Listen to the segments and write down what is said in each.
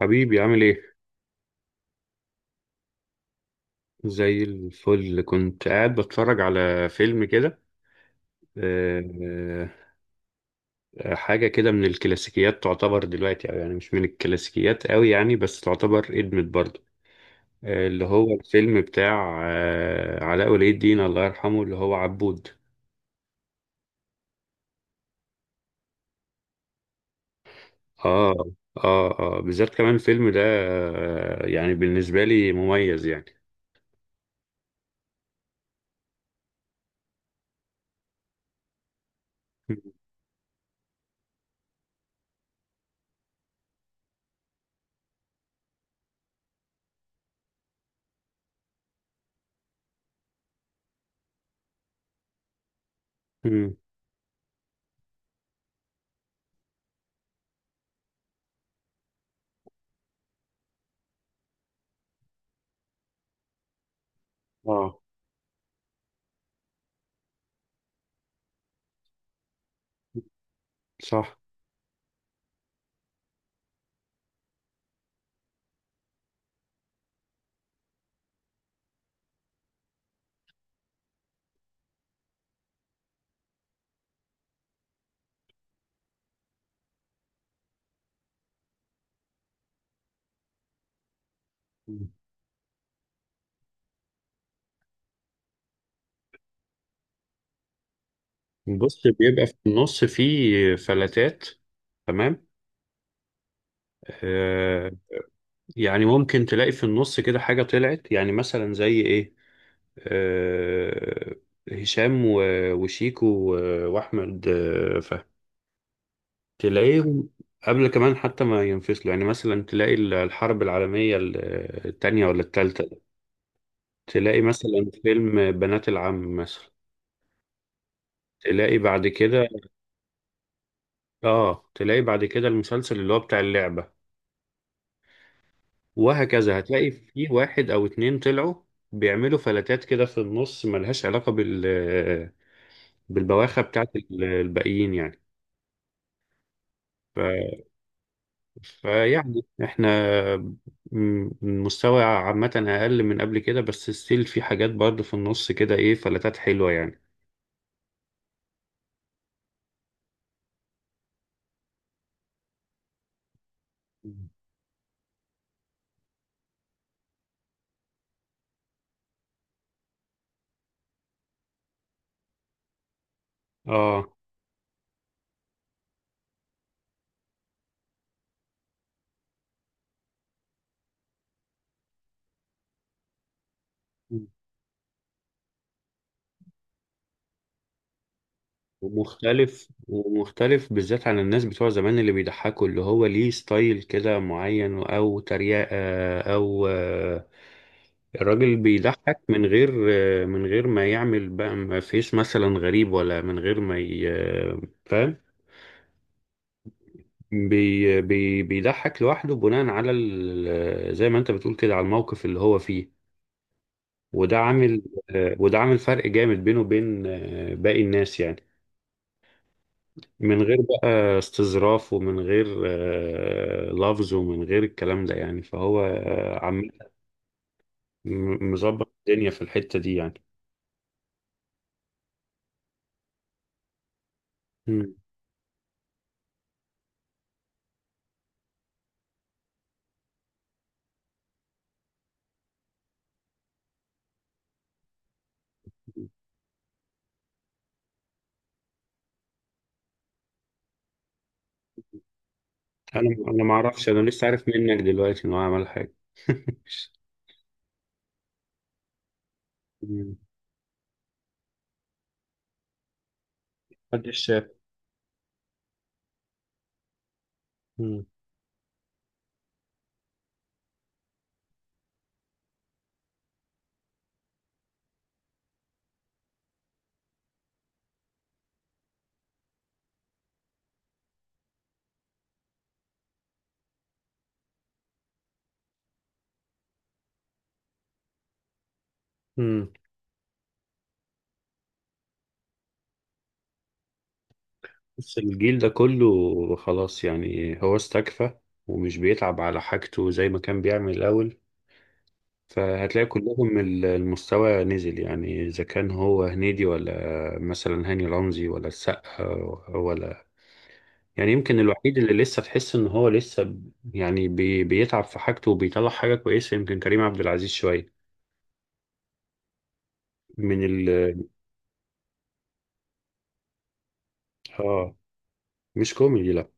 حبيبي عامل ايه؟ زي الفل، كنت قاعد بتفرج على فيلم كده. آه، حاجة كده من الكلاسيكيات تعتبر دلوقتي، أو يعني مش من الكلاسيكيات قوي يعني، بس تعتبر قدمت برضه. اللي هو الفيلم بتاع علاء ولي الدين الله يرحمه، اللي هو عبود. اه اه اه، بالذات كمان الفيلم ده يعني بالنسبة لي مميز يعني. مم. اه، صح. بص، بيبقى في النص فيه فلاتات، تمام. آه، يعني ممكن تلاقي في النص كده حاجة طلعت، يعني مثلا زي ايه. آه، هشام وشيكو وأحمد فهمي، تلاقيهم قبل كمان حتى ما ينفصلوا. يعني مثلا تلاقي الحرب العالمية التانية ولا التالتة، تلاقي مثلا فيلم بنات العم مثلا، تلاقي بعد كده، اه تلاقي بعد كده المسلسل اللي هو بتاع اللعبة، وهكذا. هتلاقي في واحد او اتنين طلعوا بيعملوا فلاتات كده في النص، ملهاش علاقة بال بالبواخة بتاعت الباقيين يعني. ف... فيعني احنا، المستوى عامة اقل من قبل كده، بس ستيل في حاجات برضه في النص كده، ايه، فلاتات حلوة يعني. اه. ومختلف بالذات عن الناس بتوع زمان اللي بيضحكوا، اللي هو ليه ستايل كده معين، او تريقة، او الراجل بيضحك من غير، من غير ما يعمل بقى، ما فيش مثلا غريب، ولا من غير ما فاهم. بي بي بيضحك لوحده بناء على زي ما انت بتقول كده، على الموقف اللي هو فيه، وده عامل وده عامل فرق جامد بينه وبين باقي الناس يعني، من غير بقى استظراف، ومن غير لفظ، ومن غير الكلام ده يعني، فهو عم مظبط الدنيا في الحتة دي يعني. مم. انا ما اعرفش، انا لسه عارف منك دلوقتي انه عمل حاجة. مم. محدش شاف. مم. مم. بس الجيل ده كله خلاص، يعني هو استكفى، ومش بيتعب على حاجته زي ما كان بيعمل الأول. فهتلاقي كلهم، المستوى نزل، يعني إذا كان هو هنيدي، ولا مثلا هاني رمزي، ولا السقا، ولا. يعني يمكن الوحيد اللي لسه تحس إن هو لسه، يعني بيتعب في حاجته وبيطلع حاجة كويسة، يمكن كريم عبد العزيز شوية، من ال آه، مش كوميدي لأ.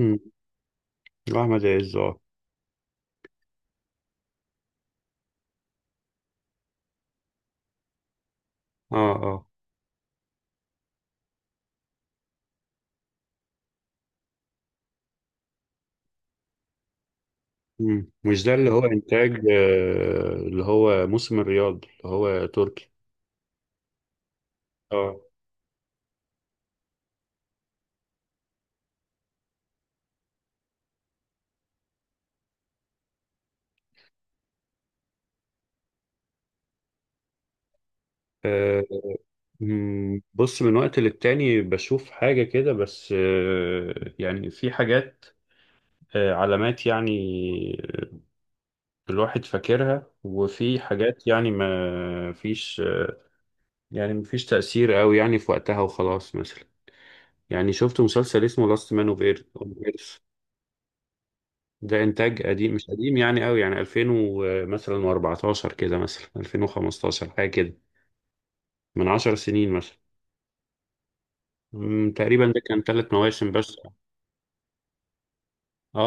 مم. وأحمد عز، آه آه آه. مم. مش ده اللي هو إنتاج اللي هو موسم الرياض، اللي هو تركي؟ آه آه. مم، بص، من وقت للتاني بشوف حاجة كده بس، يعني في حاجات، علامات يعني الواحد فاكرها، وفي حاجات يعني ما فيش يعني ما فيش تأثير قوي يعني في وقتها وخلاص. مثلا يعني شفت مسلسل اسمه لاست مان اوف ايرث. ده انتاج قديم، مش قديم يعني قوي، يعني 2000 مثلا و14 كده، مثلا 2015، حاجة كده، من 10 سنين مثلا. مم، تقريبا ده كان ثلاث مواسم بس. اه.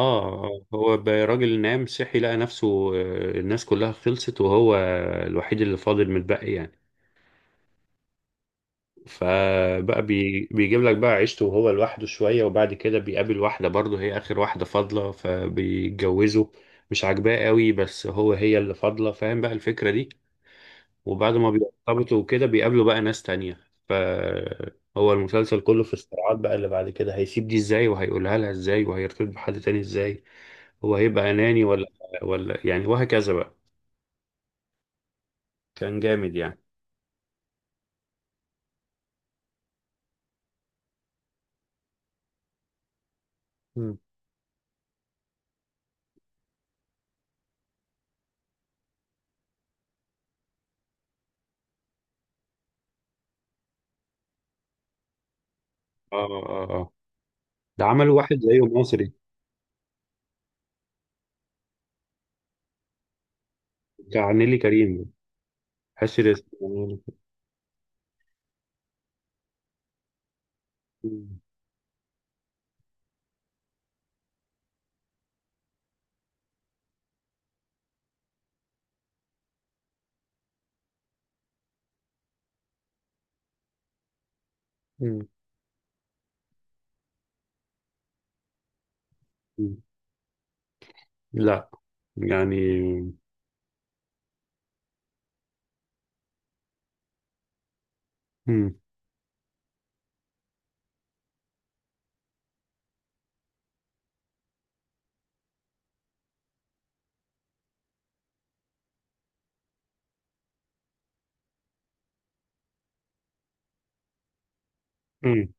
هو راجل نام صحي، لقى نفسه الناس كلها خلصت، وهو الوحيد اللي فاضل متبقي يعني. فبقى بيجيب لك بقى عيشته وهو لوحده شوية، وبعد كده بيقابل واحدة برضه، هي آخر واحدة فاضلة، فبيتجوزوا. مش عاجباه قوي بس هو هي اللي فاضلة، فاهم بقى الفكرة دي. وبعد ما بيرتبطوا وكده بيقابلوا بقى ناس تانية، فهو المسلسل كله في الصراعات بقى اللي بعد كده، هيسيب دي ازاي، وهيقولها لها ازاي، وهيرتبط بحد تاني ازاي، هو هيبقى أناني ولا، يعني، وهكذا بقى. كان جامد يعني. مم. اه اه اه. ده عمل واحد زيه مصري بتاع نيلي كريم، حشر اسمه. مم. مم. مم. لا، يعني. مم. مم.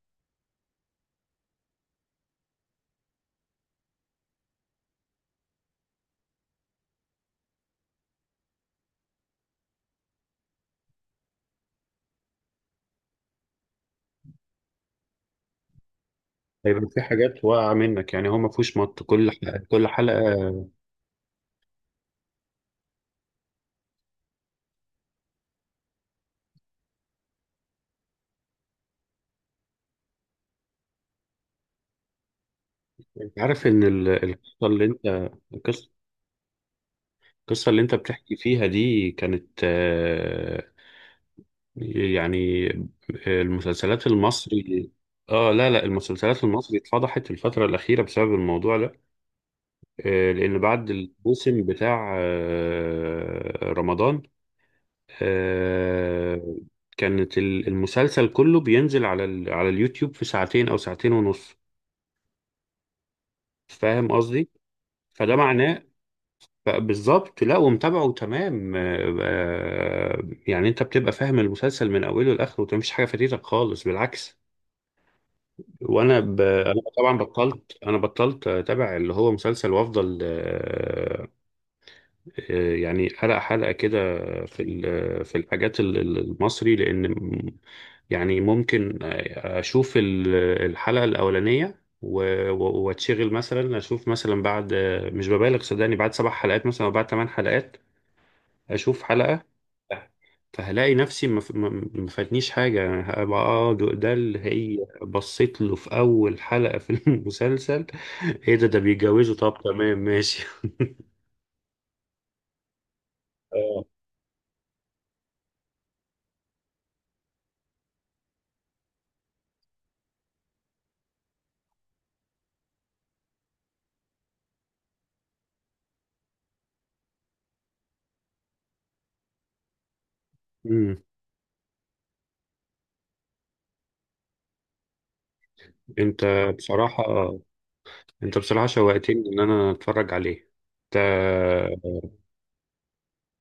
هيبقى في حاجات واقعة منك، يعني هو ما فيهوش مط، كل حلقة كل حلقة. انت عارف ان ال- القصه اللي انت القصه القصة اللي انت بتحكي فيها دي كانت، يعني المسلسلات المصري. اه، لا لا، المسلسلات المصري اتفضحت الفترة الأخيرة بسبب الموضوع ده. لأن بعد الموسم بتاع رمضان، آه، كانت المسلسل كله بينزل على على اليوتيوب في ساعتين أو ساعتين ونص. فاهم قصدي؟ فده معناه بالظبط. لا، ومتابعه تمام، يعني انت بتبقى فاهم المسلسل من اوله لاخره، ومفيش حاجه فاتتك خالص، بالعكس. انا طبعا بطلت، انا بطلت اتابع اللي هو مسلسل، وافضل يعني حلقه حلقه كده في في الحاجات، المصري، لان يعني ممكن اشوف الحلقه الاولانيه، واتشغل مثلا، اشوف مثلا بعد، مش ببالغ صدقني، بعد سبع حلقات مثلا او بعد ثمان حلقات اشوف حلقة. فهلاقي نفسي ما ف- ما- ما فاتنيش حاجة، يعني هبقى اه، ده اللي هي بصيت له في أول حلقة في المسلسل، ايه ده بيتجوزوا، طب تمام ماشي. اه. امم انت بصراحة، شوقتني ان انا اتفرج عليه. انت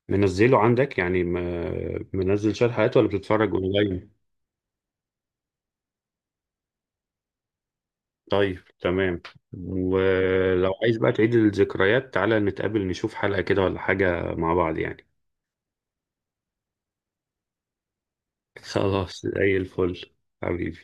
منزله عندك؟ يعني منزل شوية حلقات ولا بتتفرج اونلاين؟ طيب تمام. ولو عايز بقى تعيد الذكريات، تعالى نتقابل نشوف حلقة كده ولا حاجة مع بعض يعني. خلاص زي الفل. حبيبي.